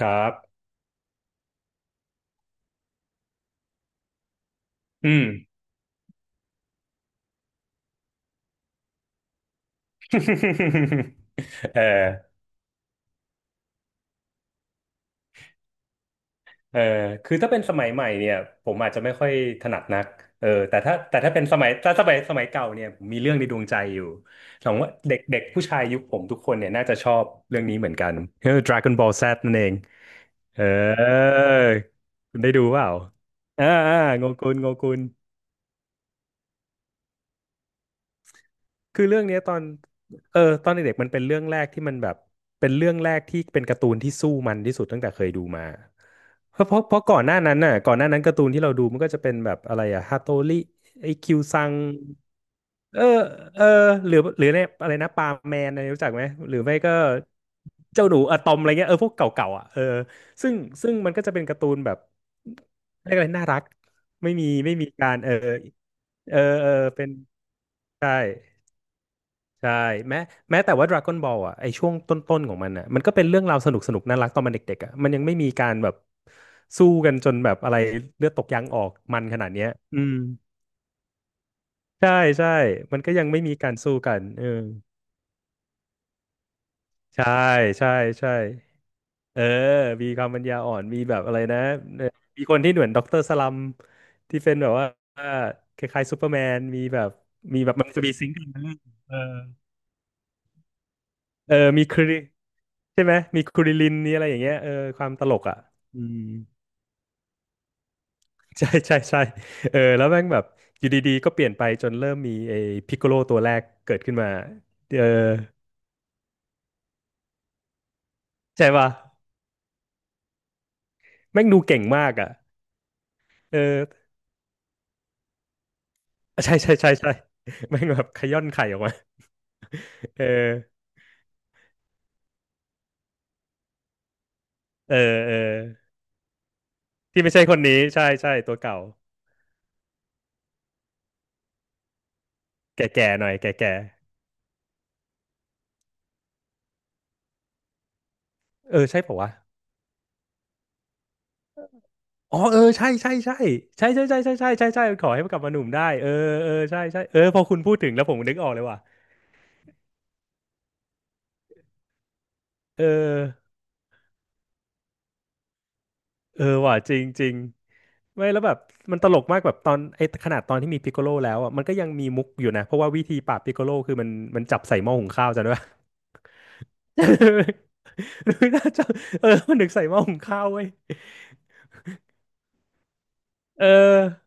ครับอืม เออเออคือถ้าเป็นสมัยใหม่เนี่ยผมอาจจะไม่ค่อยถนัดนักแต่ถ้าเป็นสมัยถ้าสมัยเก่าเนี่ยผมมีเรื่องในดวงใจอยู่สมมติว่าเด็กเด็กผู้ชายยุคผมทุกคนเนี่ยน่าจะชอบเรื่องนี้เหมือนกันเออ Dragon Ball Z นั่นเองเออคุณได้ดูเปล่าโงกุนโงกุน คือเรื่องเนี้ยตอนตอนเด็กๆมันเป็นเรื่องแรกที่มันแบบเป็นเรื่องแรกที่เป็นการ์ตูนที่สู้มันที่สุดตั้งแต่เคยดูมาเพราะก่อนหน้านั้นน่ะก่อนหน้านั้นการ์ตูนที่เราดูมันก็จะเป็นแบบอะไรอะฮาโตริไอคิวซังเออเออหรือเนี่ยอะไรนะปาแมนอะไรรู้จักไหมหรือไม่ก็เจ้าหนูอะตอมอะไรเงี้ยเออพวกเก่าๆอ่ะเออซึ่งซึ่งมันก็จะเป็นการ์ตูนแบบเรียกอะไรน่ารักไม่มีการเออเออเออเป็นใช่ ใช่แม้แต่ว่า Dragon Ball อ่ะไอช่วงต้นๆของมันอ่ะมันก็เป็นเรื่องราวสนุกสนุกน่ารักตอนมันเด็กๆอ่ะมันยังไม่มีการแบบสู้กันจนแบบอะไรเลือดตกยางออกมันขนาดเนี้ยอืมใช่ใช่มันก็ยังไม่มีการสู้กันเออใช่ใช่ใช่เออมีความปัญญาอ่อนมีแบบอะไรนะเออมีคนที่เหมือนด็อกเตอร์สลัมที่เป็นแบบว่าคล้ายๆซูเปอร์แมนมีแบบมันจะมีซิงค์กันนะเออ เออ มีคริใช่ไหมมีคริลินนี่อะไรอย่างเงี้ยเออความตลกอ่ะอืมใช่ใช่ใช่เออแล้วแม่งแบบอยู่ดีๆก็เปลี่ยนไปจนเริ่มมีไอ้พิกโกโลตัวแรกเกิดขึ้นมาเออใช่ป่ะแม่งดูเก่งมากอ่ะเออใช่ใช่ใช่ใช่แม่งแบบขย้อนไข่ออกมาเออเออเออที่ไม่ใช่คนนี้ใช่ใช่ตัวเก่าแก่ๆหน่อยแก่ๆเออใช่ป่าวะ อ๋อเออใช่ใช่ใช่ใช่ใช่ใช่ใช่ใช่ใช่ใช่ขอให้มันกลับมาหนุ่มได้เออเออใช่ใช่เออพอคุณพูดถึงแล้วผมนึกออกเลยว่ะเออเออว่ะจริงจริงไม่แล้วแบบมันตลกมากแบบตอนไอ้ขนาดตอนที่มีพิกโคโลแล้วอ่ะมันก็ยังมีมุกอยู่นะเพราะว่าวิธีปราบพิกโคโลคือมันจับใส่หม้อหุงข้าวจำได้ปะ ดูน่าจะเออมันนึกใส่หม้อหุงข้าวเว้ยเออ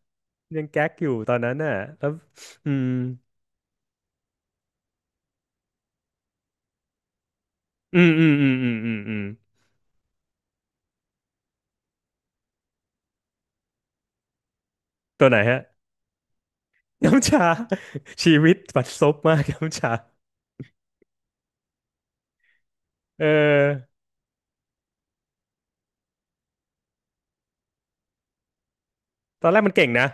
ยังแก๊กอยู่ตอนนั้นน่ะแล้วอืมอืมอืมอืมอืมอืมอืมตัวไหนฮะ น้ำชา ชีวิตบัดซบมากน้ำชาเออตอนแรกมันเก่งนะ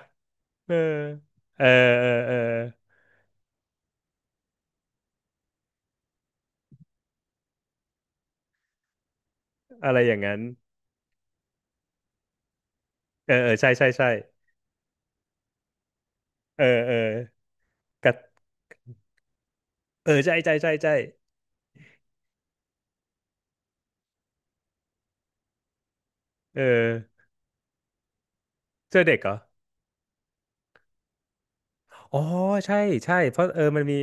เออเออเออเอออะไรอย่างนั้นเออเออใช่ใช่ใช่เออเออกับเออใช่ใช่ใช่ใช่เออเสื้อเด็กเหรออ๋อใช่ใช่เพราะเออมันมี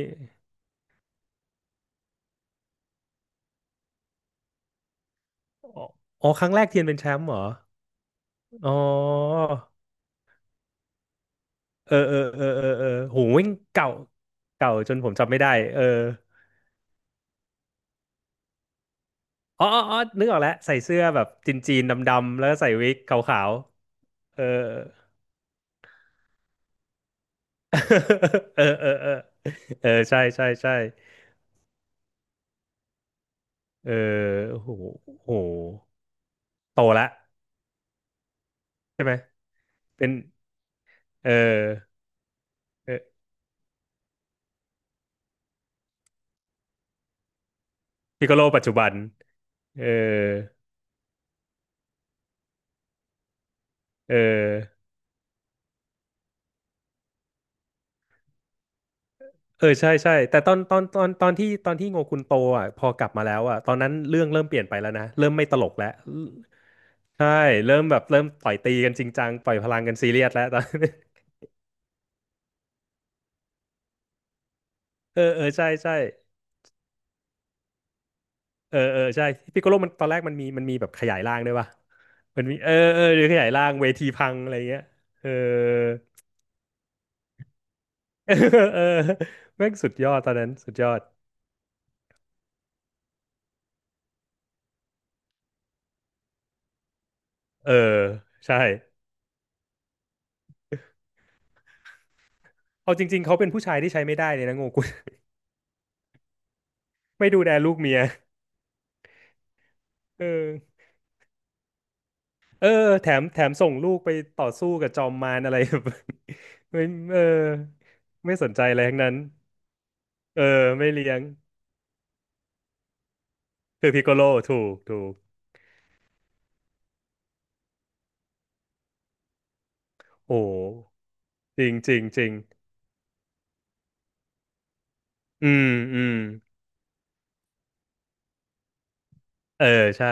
อ๋ออ๋อครั้งแรกเทียนเป็นแชมป์เหรออ๋อเออเออเออเออเออโหยเก่าจนผมจำไม่ได้เอออ๋อนึกออกแล้วใส่เสื้อแบบจีนๆดำดำๆแล้วก็ใส่วิกขาวๆ เออ เออเออเออเออใช่ใช่ใช่เออโหโ้หโตละใช่ไหมเป็นเออเออพิโกโลปัจจุบันเออเออเออใช่ใช่แต่ตอนตอนตอนตอนที่ตอนที่โงกุนโตอ่ะพอกลับมาแล้วอ่ะตอนนั้นเรื่องเริ่มเปลี่ยนไปแล้วนะเริ่มไม่ตลกแล้วใช่เริ่มแบบเริ่มต่อยตีกันจริงจังปล่อยพลังกันซีเรียสแล้วตอน เออเออใช่ใช่ เออเออใช่พิกโกโลมันตอนแรกมันมีแบบขยายร่างด้วยป่ะมันมีเออเออหรือขยายร่างเวทีพังอะไรเงี้ยเออ เออเออแม่งสุดยอดตอนนั้นสุดยอดเออใช่เอาจริงๆเขาเป็นผู้ชายที่ใช้ไม่ได้เลยนะโงกุล ไม่ดูแลลูกเมียเออเออแถมส่งลูกไปต่อสู้กับจอมมารอะไร แบบ ไม่เออไม่สนใจอะไรทั้งนั้นเออไม่เลี้ยงคือพิกโกโลถูกถูกโอ้จริงจริงจริงอืมอืม เออใช่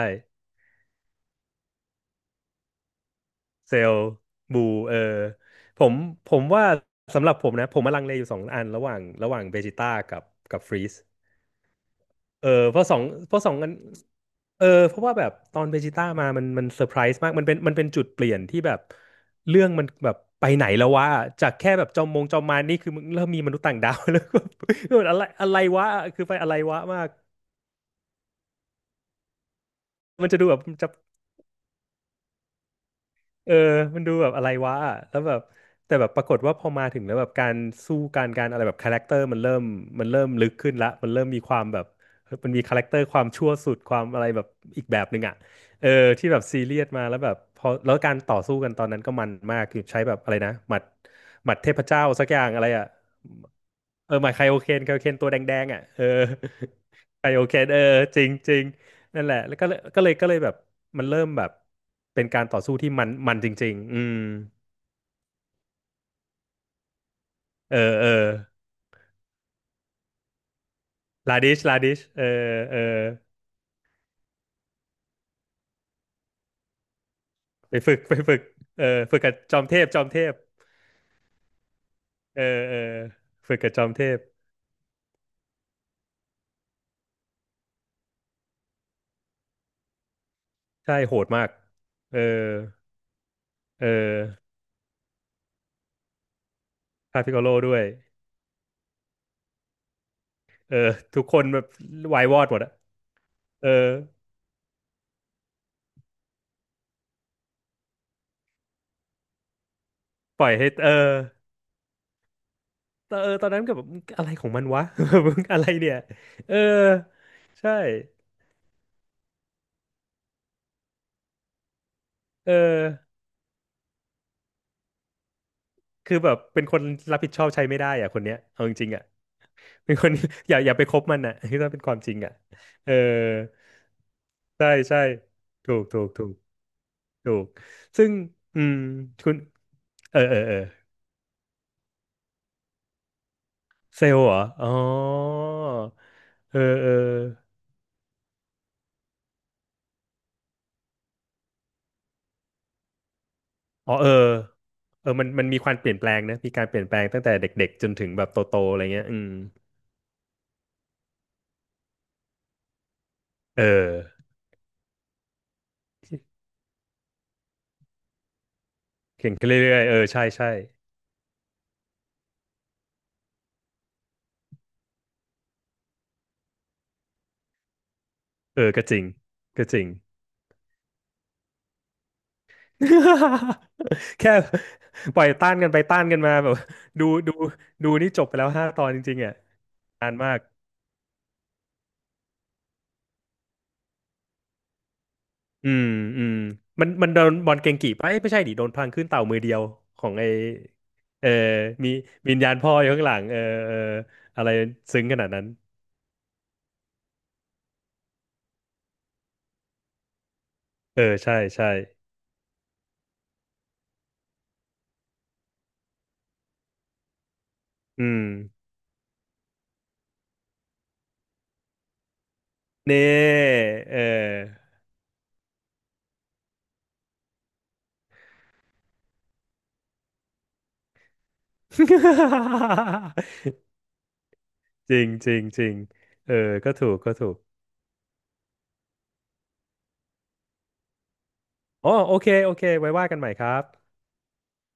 เซลล์บูเออผมผมว่าสำหรับผมนะผมมาลังเลอยู่สองอันระหว่างเวจิต้ากับกับฟรีสเออเพราะสองอันเออเพราะว่าแบบตอนเวจิต้ามามันเซอร์ไพรส์มากมันเป็นจุดเปลี่ยนที่แบบเรื่องมันแบบไปไหนแล้ววะจากแค่แบบจอมมงจอมมารนี่คือมึงเริ่มมีมนุษย์ต่างดาว แล้วก็แบบอะไรอะไรวะคือไปอะไรวะมากมันจะดูแบบจะ เออมันดูแบบอะไรวะอะแล้วแบบแต่แบบปรากฏว่าพอมาถึงแล้วแบบการสู้การอะไรแบบคาแรคเตอร์มันเริ่มลึกขึ้นละมันเริ่มมีความแบบเฮ้ยมันมีคาแรคเตอร์ความชั่วสุดความอะไรแบบอีกแบบหนึ่งอ่ะเออที่แบบซีเรียสมาแล้วแบบพอแล้วการต่อสู้กันตอนนั้นก็มันมากคือใช้แบบอะไรนะหมัดเทพเจ้าสักอย่างอะไรอ่ะ เออหมายไคโอเคนตัวแดงๆอ่ะเออไคโอเคนเออจริงจริงนั่นแหละแล้วก็เลยแบบมันเริ่มแบบเป็นการต่อสู้ที่มันจริงๆอืมเออเออลาดิชเออเออไปฝึกเออฝึกกับจอมเทพเออเออฝึกกับจอมเทพใช่โหดมากเออเออพาพิโกโลด้วยเออทุกคนแบบวายวอดหมดอะเออปล่อยให้เออ ตอนนั้นก็แบบอะไรของมันวะ มึงอะไรเนี่ยเออใช่เออคือแบบเป็นคนรับผิดชอบใช้ไม่ได้อ่ะคนเนี้ยเอาจริงๆอ่ะเป็นคน อย่าไปคบมันอ่ะ คือต้องเป็นความจริงอ่ะเออใช่ใช่ถูกถูกถูกถูกซึ่งอืมคุณเออเออเออเซลล์เหรออ๋อเออเอออ๋อเออเออมันมีความเปลี่ยนแปลงนะมีการเปลี่ยนแปลงตั้งแต่เด็กๆจนถึงแบบโตๆอะไรเงี้ยอืม เออ เก่งขึ้นเรื่อยๆเออใช่ใช่เออก็จริงก็จริง แค่ปล่อยต้านกันไปต้านกันมาแบบ ดูดูนี่จบไปแล้ว5 ตอนจริงๆอ่ะนานมากอืมอืมมันโดนบอลเกงกี่ไปะเอ้ยไม่ใช่ดิโดนพลังขึ้นเต่ามือเดียวของไอเออมีวิญญาณพ่ออยู่ข้างหลังเออเอออะไรซึ้งขนาดนั้นเออใช่ใช่อืมเน่เออ จริงจริงจริง เออ ก็ถูกก็ถูกอ๋อโอเคโอเคไว้ว่ากันใหม่ครับ